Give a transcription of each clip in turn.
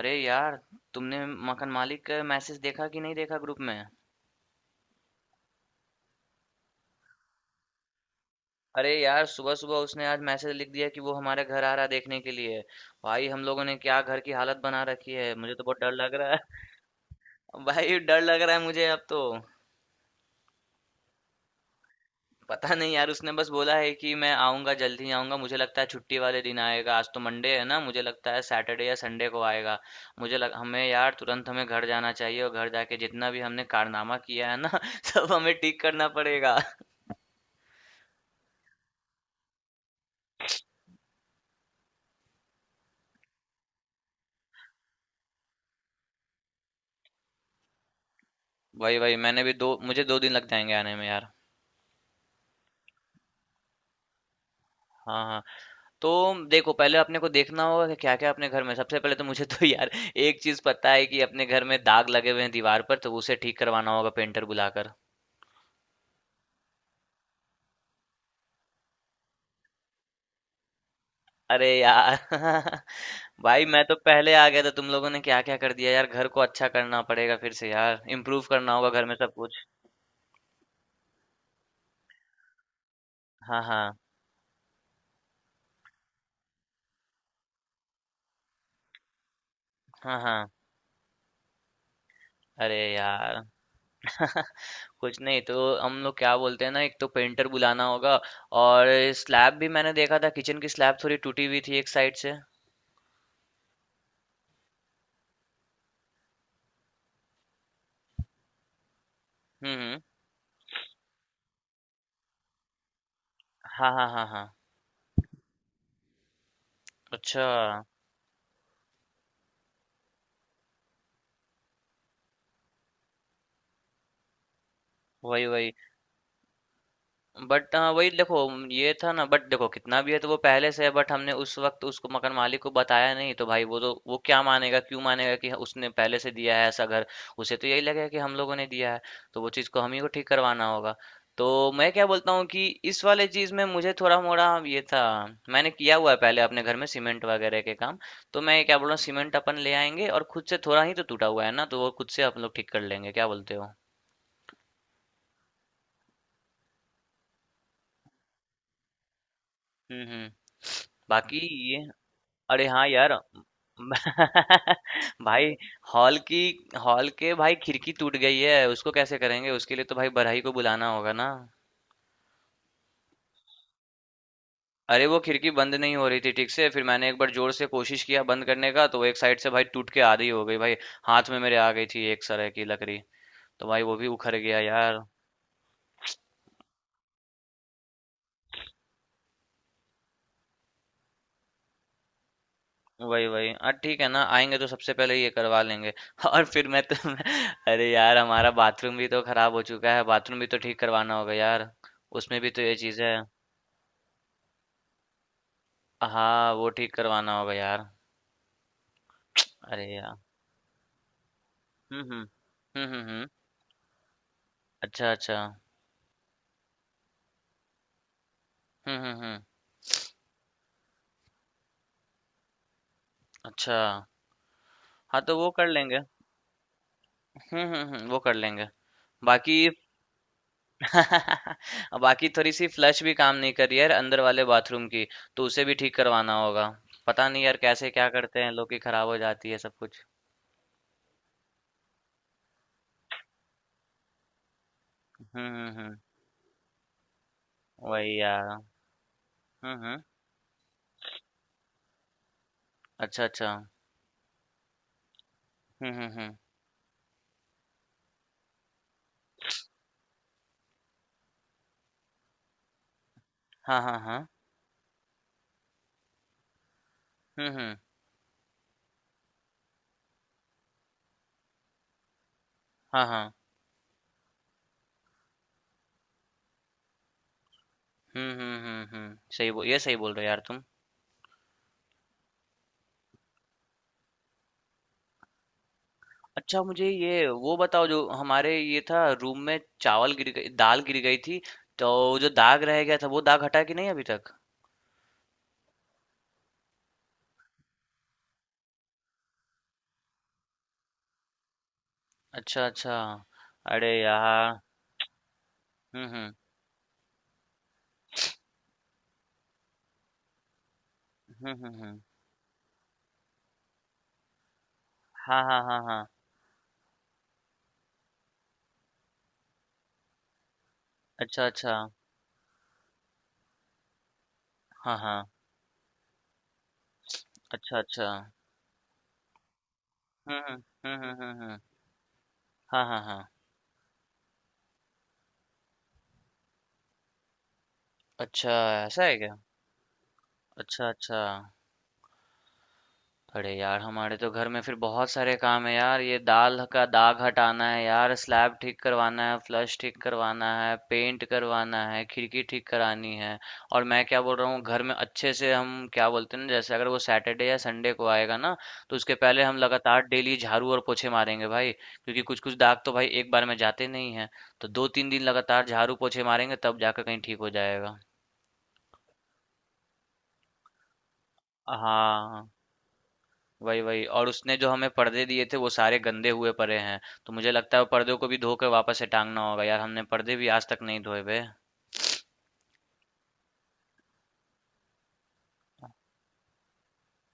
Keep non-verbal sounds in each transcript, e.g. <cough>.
अरे यार तुमने मकान मालिक का मैसेज देखा कि नहीं देखा ग्रुप में? अरे यार सुबह सुबह उसने आज मैसेज लिख दिया कि वो हमारे घर आ रहा है देखने के लिए। भाई हम लोगों ने क्या घर की हालत बना रखी है, मुझे तो बहुत डर लग रहा है। <laughs> भाई डर लग रहा है मुझे अब तो। पता नहीं यार, उसने बस बोला है कि मैं आऊंगा जल्दी ही आऊंगा। मुझे लगता है छुट्टी वाले दिन आएगा। आज तो मंडे है ना, मुझे लगता है सैटरडे या संडे को आएगा। मुझे लग हमें यार तुरंत हमें घर जाना चाहिए और घर जाके जितना भी हमने कारनामा किया है ना <laughs> सब हमें ठीक करना पड़ेगा। वही, वही। मैंने भी 2 मुझे 2 दिन लग जाएँगे आने में यार। हाँ, हाँ। तो देखो पहले अपने को देखना होगा कि क्या-क्या अपने घर में। सबसे पहले तो मुझे तो <laughs> यार एक चीज़ पता है कि अपने घर में दाग लगे हुए हैं दीवार पर, तो उसे ठीक करवाना होगा पेंटर बुलाकर। अरे यार! <laughs> भाई मैं तो पहले आ गया था, तुम लोगों ने क्या-क्या कर दिया यार। घर को अच्छा करना पड़ेगा फिर से यार। इम्प्रूव करना होगा घर में सब कुछ। हाँ, हाँ। हाँ, हाँ। अरे यार! कुछ नहीं तो हम लोग क्या बोलते हैं ना, एक तो पेंटर बुलाना होगा। और स्लैब भी मैंने देखा था, किचन की स्लैब थोड़ी टूटी हुई थी एक साइड से। हम्म। हाँ हाँ हाँ हाँ। अच्छा। वही वही। बट हाँ वही देखो, ये था ना, बट देखो कितना भी है तो वो पहले से है। बट हमने उस वक्त उसको मकान मालिक को बताया नहीं, तो भाई वो तो वो क्या मानेगा, क्यों मानेगा कि उसने पहले से दिया है ऐसा घर। उसे तो यही लगेगा कि हम लोगों ने दिया है। तो वो चीज़ को हम ही को ठीक करवाना होगा। तो मैं क्या बोलता हूँ कि इस वाले चीज़ में मुझे थोड़ा मोड़ा ये था, मैंने किया हुआ है पहले अपने घर में सीमेंट वगैरह के काम। तो मैं क्या बोल रहा हूँ, सीमेंट अपन ले आएंगे और खुद से थोड़ा ही तो टूटा हुआ है ना, तो वो खुद से आप लोग ठीक कर लेंगे, क्या बोलते हो? हम्म। बाकी ये अरे हाँ यार <laughs> भाई हॉल की हॉल के भाई खिड़की टूट गई है, उसको कैसे करेंगे? उसके लिए तो भाई बड़हई को बुलाना होगा ना। अरे वो खिड़की बंद नहीं हो रही थी ठीक से, फिर मैंने एक बार जोर से कोशिश किया बंद करने का, तो वो एक साइड से भाई टूट के आधी हो गई भाई। हाथ में मेरे आ गई थी एक तरह की लकड़ी, तो भाई वो भी उखड़ गया यार। वही वही, हाँ ठीक है ना, आएंगे तो सबसे पहले ये करवा लेंगे <laughs> और फिर मैं तो <laughs> अरे यार हमारा बाथरूम भी तो खराब हो चुका है, बाथरूम भी तो ठीक करवाना होगा यार। उसमें भी तो ये चीज़ है। हाँ, वो ठीक करवाना होगा यार। अरे यार। हुँ, हुँ। हुँ, हुँ, हुँ। अच्छा, अच्छा। हुँ, हुँ, हुँ। अच्छा। हाँ, तो वो कर लेंगे। हुँ, हुँ, हुँ। वो कर लेंगे। बाकी <laughs> बाकी थोड़ी-सी फ्लश भी काम नहीं कर रही है यार अंदर वाले बाथरूम की, तो उसे भी ठीक करवाना होगा। पता नहीं यार कैसे क्या करते हैं लोग कि खराब हो जाती है सब कुछ। हुँ, हुँ, हुँ। वही यार। हुँ, हुँ। अच्छा, अच्छा। हुँ, हुँ, हुँ। हाँ, हाँ, हाँ। हुँ, हुँ। हाँ, हाँ। हुँ, हुँ, हुँ, हुँ। सही बो ये सही बोल रहे हो यार तुम। अच्छा, मुझे ये वो बताओ, जो हमारे ये था रूम में चावल गिर गई दाल गिर गई थी, तो जो दाग रह गया था वो दाग हटा कि नहीं अभी तक? अच्छा अच्छा। अरे यार। हम्म हम्म हम्म। हम्म। हाँ हाँ हाँ हाँ। अच्छा अच्छा। हाँ हाँ। अच्छा अच्छा। हम्म। हाँ हाँ हाँ। अच्छा। ऐसा है क्या? अच्छा अच्छा। अरे यार हमारे तो घर में फिर बहुत सारे काम है यार, ये दाल का दाग हटाना है यार, स्लैब ठीक करवाना है, फ्लश ठीक करवाना है, पेंट करवाना है, खिड़की ठीक करानी है। और मैं क्या बोल रहा हूँ, घर में अच्छे से हम क्या बोलते हैं ना, जैसे अगर वो सैटरडे या संडे को आएगा ना, तो उसके पहले हम लगातार डेली झाड़ू और पोछे मारेंगे भाई, क्योंकि कुछ कुछ दाग तो भाई एक बार में जाते नहीं है। तो दो तीन दिन लगातार झाड़ू पोछे मारेंगे, तब जाकर कहीं ठीक हो जाएगा। हाँ। वही वही, और उसने जो हमें पर्दे दिए थे वो सारे गंदे हुए पड़े हैं। तो मुझे लगता है वो पर्दों को भी धोकर वापस से टांगना होगा यार, हमने पर्दे भी आज तक नहीं धोए हुए।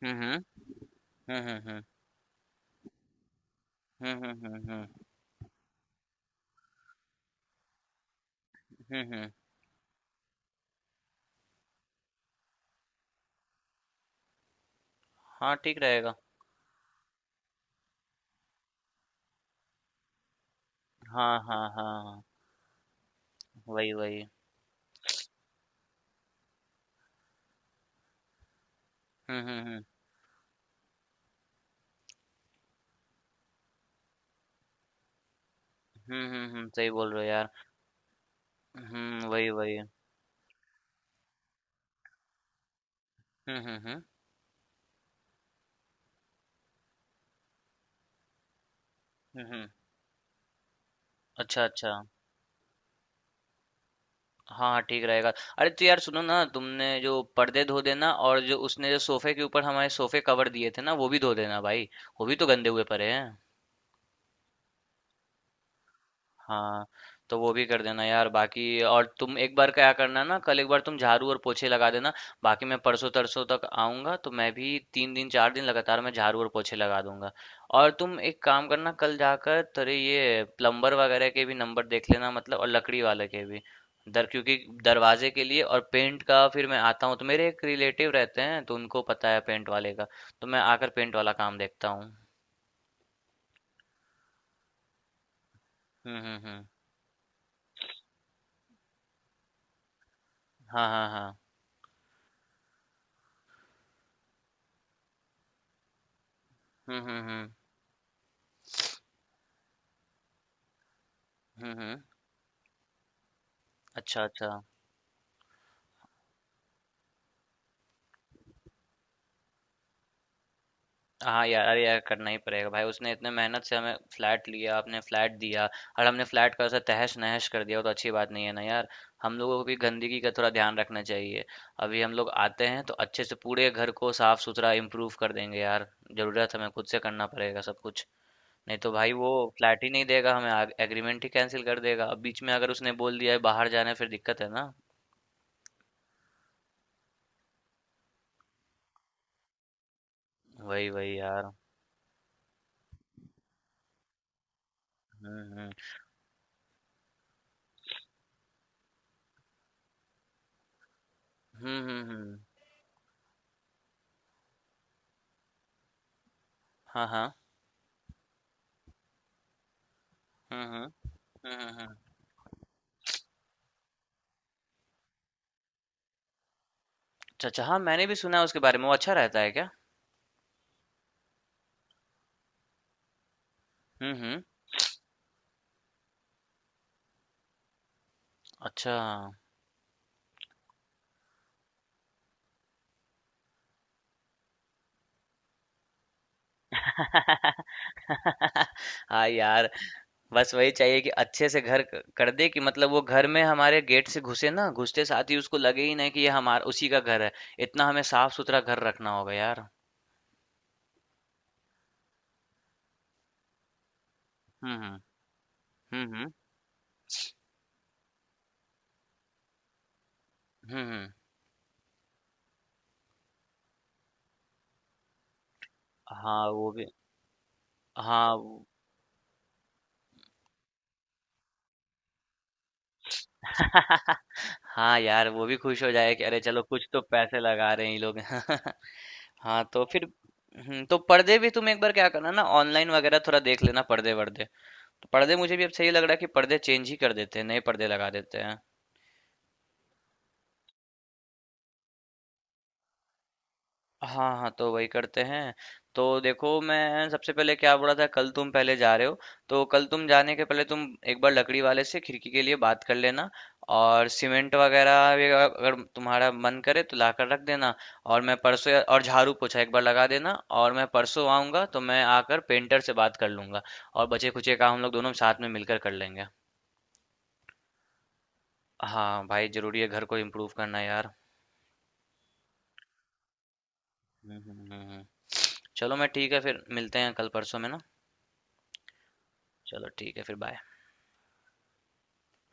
हम्म। हम्म। हम्म। हम्म, हम्म। हाँ ठीक रहेगा। हाँ हाँ हाँ हाँ। वही वही। हम्म हम्म हम्म सही बोल रहे हो यार। हम्म, वही वही। हम्म हम्म हम्म हम्म हम्म। अच्छा अच्छा। हाँ हाँ, ठीक रहेगा। अरे तो यार सुनो ना, तुमने जो पर्दे धो देना, और जो उसने जो सोफे के ऊपर हमारे सोफे कवर दिए थे ना वो भी धो देना भाई। वो भी तो गंदे हुए पड़े हैं। हाँ, तो वो भी कर देना यार। बाकी और तुम एक बार क्या करना ना, कल एक बार तुम झाड़ू और पोछे लगा देना। बाकी मैं परसों तरसों तक आऊंगा, तो मैं भी तीन दिन चार दिन लगातार मैं झाड़ू और पोछे लगा दूंगा। और तुम एक काम करना, कल जाकर तेरे ये प्लम्बर वगैरह के भी नंबर देख लेना मतलब, और लकड़ी वाले के भी। दर क्योंकि दरवाजे के लिए। और पेंट का फिर मैं आता हूँ, तो मेरे एक रिलेटिव रहते हैं तो उनको पता है पेंट वाले का। तो मैं आकर पेंट वाला काम देखता हूँ। हम्म। हाँ हाँ हाँ। हम्म हम्म हम्म हम्म। अच्छा अच्छा। हाँ यार, अरे यार करना ही पड़ेगा भाई, उसने इतने मेहनत से हमें फ्लैट लिया, आपने फ्लैट दिया। और हमने फ्लैट का ऐसा तहस नहस कर दिया, वो तो अच्छी बात नहीं है ना यार। हम लोगों को भी गंदगी का थोड़ा ध्यान रखना चाहिए। अभी हम लोग आते हैं तो अच्छे से पूरे घर को साफ सुथरा इम्प्रूव कर देंगे यार। जरूरत हमें खुद से करना पड़ेगा सब कुछ, नहीं तो भाई वो फ्लैट ही नहीं देगा हमें, एग्रीमेंट ही कैंसिल कर देगा। अब बीच में अगर उसने बोल दिया है बाहर जाना है, फिर दिक्कत है ना। वही वही यार। हम्म हम्म हम्म हम्म हम्म, हाँ हाँ। हम्म हम्म हम्म हम्म हम्म। अच्छा, अच्छा। हाँ, मैंने भी सुना है उसके बारे में। वो अच्छा रहता है क्या? हुँ, हुँ। अच्छा। <laughs> हाँ यार, बस वही चाहिए कि अच्छे से घर क कर दे, कि मतलब वो घर में हमारे गेट से घुसे ना, घुसते साथ ही उसको लगे ही नहीं कि ये हमार उसी का घर है। इतना हमें साफ-सुथरा घर रखना होगा यार। हुँ, हुँ। हुँ, हुँ। हुँ, हुँ। हाँ, वो भी। हाँ, वो <laughs> हाँ यार, वो भी खुश हो जाए कि अरे चलो कुछ तो पैसे लगा रहे हैं ये लोग <laughs> हाँ तो फिर तो पर्दे भी तुम एक बार क्या करना ना, ऑनलाइन वगैरह थोड़ा देख लेना पर्दे वर्दे। तो पर्दे मुझे भी अब सही लग रहा है कि पर्दे चेंज ही कर देते हैं, नए पर्दे लगा देते हैं। हाँ हाँ, तो वही करते हैं। तो देखो, मैं सबसे पहले क्या बोला था, कल तुम पहले जा रहे हो, तो कल तुम जाने के पहले तुम एक बार लकड़ी वाले से खिड़की के लिए बात कर लेना। और सीमेंट वगैरह भी, अगर अगर तुम्हारा मन करे तो ला कर रख देना। और मैं और झाड़ू पोछा एक बार लगा देना। और मैं परसों आऊँगा तो मैं आकर पेंटर से बात कर लूँगा। और बचे खुचे काम हम लोग दोनों साथ में मिलकर कर लेंगे। हाँ भाई, जरूरी है घर को इम्प्रूव करना यार। हम्म हम्म हम्म हम्म। चलो, मैं ठीक है फिर मिलते हैं कल परसों में ना। चलो ठीक है, फिर बाय।